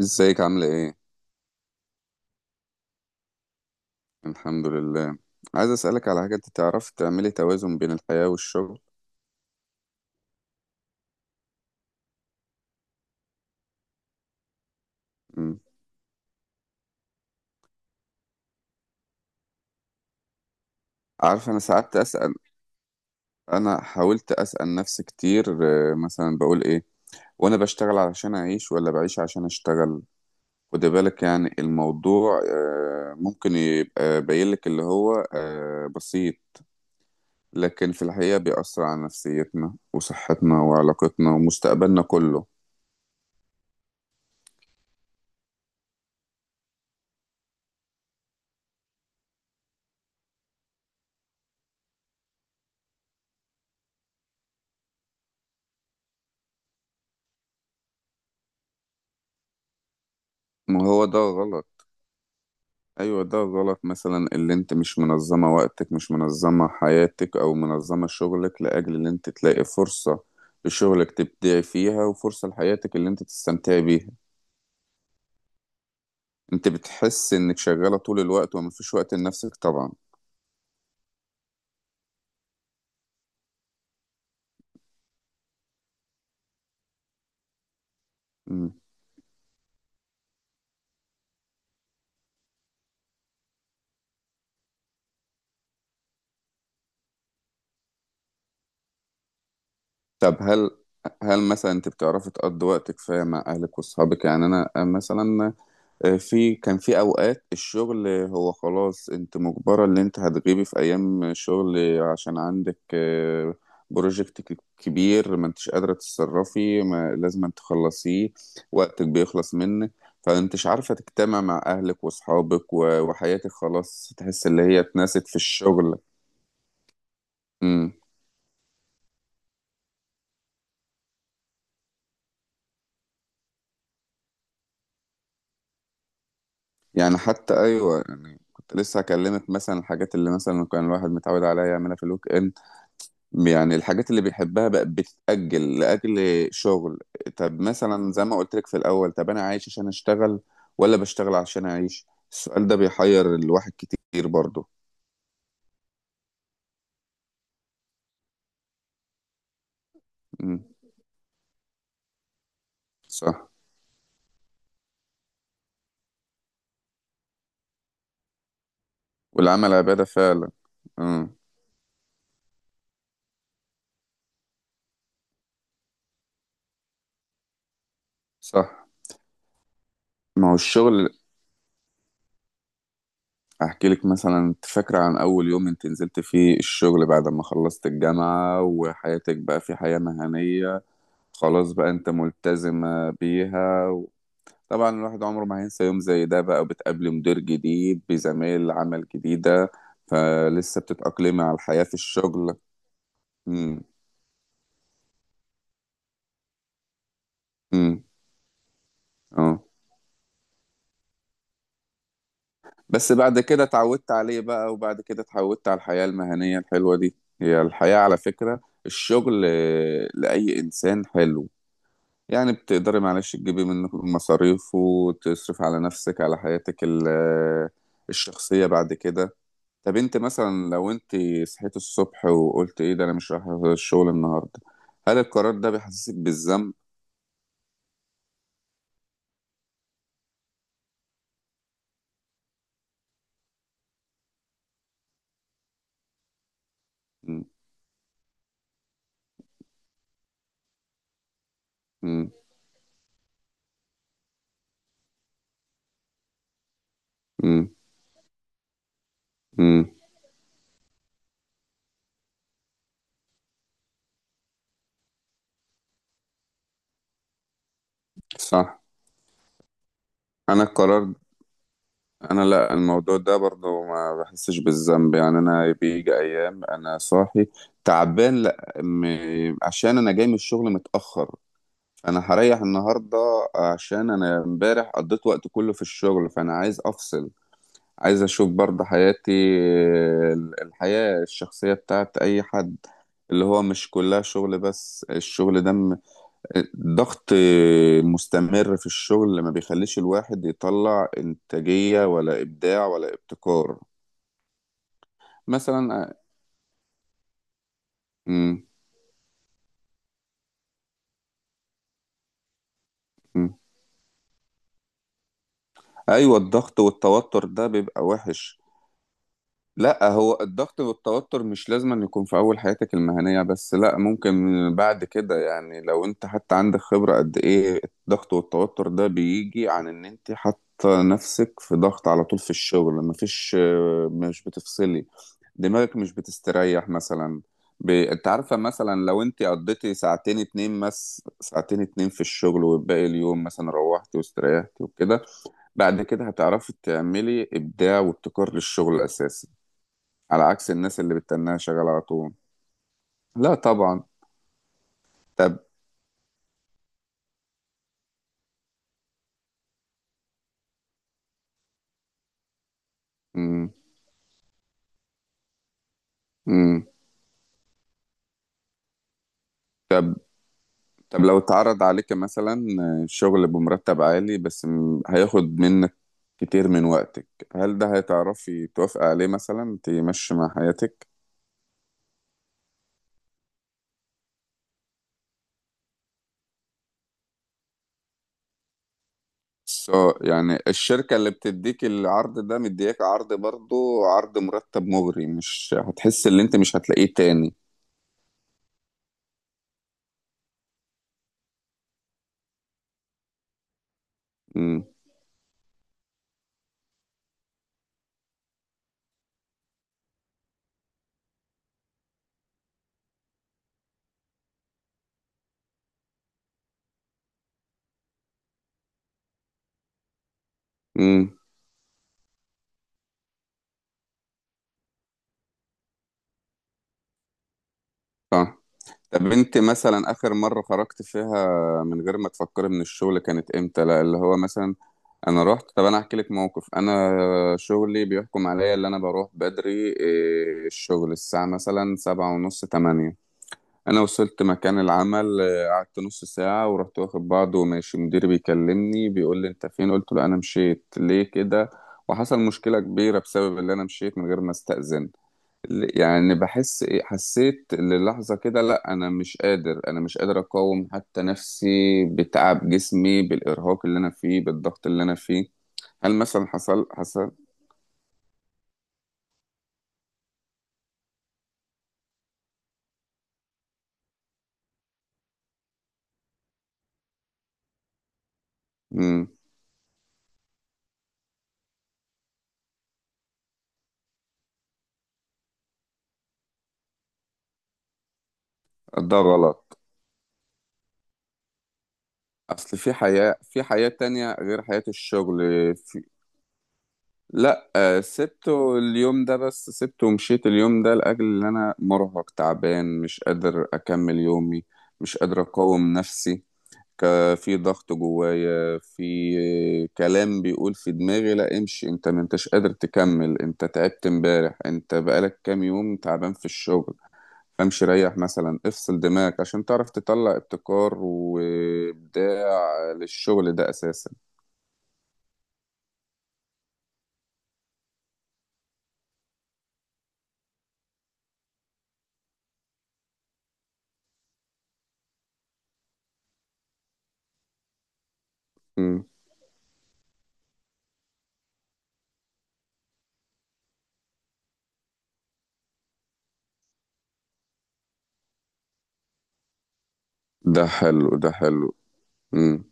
ازيك عاملة ايه؟ الحمد لله. عايز اسألك على حاجة، انت تعرفي تعملي توازن بين الحياة والشغل؟ مم. عارفة، انا ساعات اسأل، انا حاولت اسأل نفسي كتير. مثلا بقول ايه، وانا بشتغل علشان اعيش ولا بعيش عشان اشتغل؟ خدي بالك، يعني الموضوع ممكن يبقى باين لك اللي هو بسيط، لكن في الحقيقة بيأثر على نفسيتنا وصحتنا وعلاقتنا ومستقبلنا كله. ما هو ده غلط. ايوه ده غلط، مثلا اللي انت مش منظمة وقتك، مش منظمة حياتك، او منظمة شغلك لاجل ان انت تلاقي فرصة لشغلك تبدعي فيها، وفرصة لحياتك اللي انت تستمتعي بيها. انت بتحس انك شغالة طول الوقت ومفيش وقت لنفسك طبعا. مم. طب هل مثلا انت بتعرفي تقضي وقتك فيها مع اهلك واصحابك؟ يعني انا مثلا، في كان في اوقات الشغل، هو خلاص انت مجبرة ان انت هتغيبي في ايام شغل عشان عندك بروجكت كبير، ما انتش قادرة تتصرفي، ما لازم أن تخلصيه، وقتك بيخلص منك. فانتش عارفة تجتمع مع اهلك واصحابك وحياتك خلاص، تحس اللي هي اتنست في الشغل. امم. يعني حتى ايوه، يعني كنت لسه هكلمك مثلا الحاجات اللي مثلا كان الواحد متعود عليها يعملها في الويك اند، يعني الحاجات اللي بيحبها بقت بتتأجل لأجل شغل. طب مثلا زي ما قلت لك في الأول، طب أنا عايش عشان أشتغل، ولا بشتغل عشان أعيش؟ السؤال ده بيحير الواحد كتير برضه. مم. صح. والعمل عبادة فعلا. مم. صح. ما هو الشغل. أحكي لك، مثلا أنت فاكرة عن أول يوم أنت نزلت فيه الشغل بعد ما خلصت الجامعة وحياتك بقى في حياة مهنية؟ خلاص بقى أنت ملتزمة بيها. طبعا الواحد عمره ما هينسى يوم زي ده بقى، وبتقابلي مدير جديد بزمايل عمل جديدة، فلسه بتتأقلمي على الحياة في الشغل. امم. امم. اه. بس بعد كده اتعودت عليه بقى، وبعد كده اتعودت على الحياة المهنية الحلوة دي، هي الحياة على فكرة. الشغل لأي إنسان حلو، يعني بتقدري معلش تجيبي منه مصاريف وتصرف على نفسك، على حياتك الشخصية بعد كده. طب انت مثلا لو انت صحيت الصبح وقلت ايه ده، انا مش رايح الشغل النهارده؟ هل القرار ده بيحسسك بالذنب؟ م- م- م- م. صح. انا القرار. انا لا، الموضوع ده برضو ما بحسش بالذنب، يعني انا بيجي ايام انا صاحي تعبان لا عشان انا جاي من الشغل متاخر، فانا هريح النهارده، عشان انا امبارح قضيت وقت كله في الشغل، فانا عايز افصل، عايز اشوف برضه حياتي، الحياة الشخصية بتاعت اي حد، اللي هو مش كلها شغل بس، الشغل ده ضغط مستمر في الشغل ما بيخليش الواحد يطلع انتاجية ولا ابداع ولا ابتكار. مثلا أ- م- م. ايوه، الضغط والتوتر ده بيبقى وحش. لا هو الضغط والتوتر مش لازم أن يكون في أول حياتك المهنية بس، لا ممكن بعد كده، يعني لو أنت حتى عندك خبرة قد إيه، الضغط والتوتر ده بيجي عن إن أنت حاطة نفسك في ضغط على طول في الشغل، مفيش، مش بتفصلي، دماغك مش بتستريح مثلا. أنت عارفة، مثلا لو أنت قضيتي ساعتين اتنين، بس ساعتين اتنين في الشغل، والباقي اليوم مثلا روحتي واستريحتي وكده، بعد كده هتعرفي تعملي إبداع وابتكار للشغل أساسا، على عكس الناس اللي بتتناها شغالة على طول. لا طبعا. طب. مم. مم. طب لو اتعرض عليك مثلا شغل بمرتب عالي بس هياخد منك كتير من وقتك، هل ده هتعرفي توافقي عليه؟ مثلا تمشي مع حياتك، سو يعني الشركة اللي بتديك العرض ده مدياك عرض، برضو عرض مرتب مغري، مش هتحس ان انت مش هتلاقيه تاني؟ امم. امم. صح. طب انت مثلا اخر مرة خرجت فيها من غير ما تفكري من الشغل كانت امتى؟ لا اللي هو مثلا انا رحت، طب انا احكي لك موقف، انا شغلي بيحكم عليا اللي انا بروح بدري، الشغل الساعة مثلا سبعة ونص تمانية. انا وصلت مكان العمل، قعدت نص ساعة ورحت واخد بعض وماشي، مديري بيكلمني بيقول لي انت فين، قلت له انا مشيت ليه كده، وحصل مشكلة كبيرة بسبب اللي انا مشيت من غير ما استأذن. يعني بحس حسيت للحظة كده، لا أنا مش قادر، أنا مش قادر أقاوم حتى نفسي، بتعب جسمي بالإرهاق اللي أنا فيه، بالضغط اللي أنا فيه. هل مثلا حصل. مم. ده غلط، أصل في حياة، في حياة تانية غير حياة الشغل. في... لا سبته اليوم ده، بس سبته ومشيت اليوم ده لأجل إن أنا مرهق تعبان مش قادر أكمل يومي، مش قادر أقاوم نفسي. في ضغط جوايا، في كلام بيقول في دماغي لا امشي، انت ما انتش قادر تكمل، انت تعبت امبارح، انت بقالك كام يوم تعبان في الشغل، امشي ريح، مثلا افصل دماغك عشان تعرف تطلع ابتكار وابداع للشغل ده اساسا. مم. ده حلو ده حلو. مم.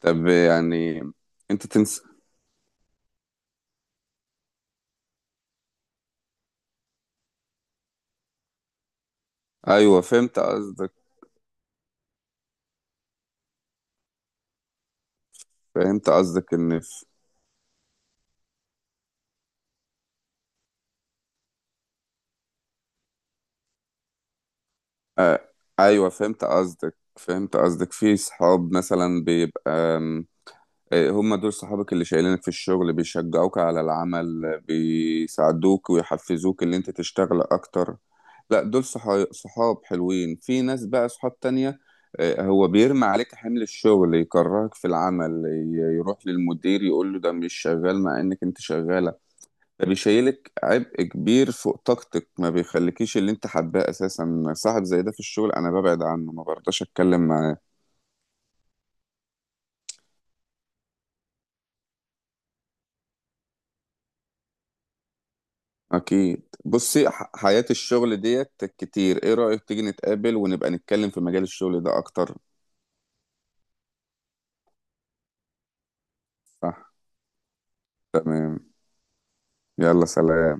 طب يعني انت تنسى. ايوه فهمت قصدك ان آه. ايوه فهمت قصدك، في صحاب مثلا بيبقى آم، آه، هم دول صحابك اللي شايلينك في الشغل، بيشجعوك على العمل، بيساعدوك ويحفزوك ان انت تشتغل اكتر. لا دول صحاب حلوين، في ناس بقى صحاب تانية، هو بيرمي عليك حمل الشغل، يكرهك في العمل، يروح للمدير يقول له ده مش شغال مع انك انت شغال، ده بيشيلك عبء كبير فوق طاقتك، ما بيخليكيش اللي انت حباه اساسا، صاحب زي ده في الشغل انا ببعد عنه، ما برضاش اتكلم معاه. اكيد، بصي حياة الشغل ديت كتير، ايه رأيك تيجي نتقابل ونبقى نتكلم في مجال الشغل ده اكتر؟ صح. يلا سلام.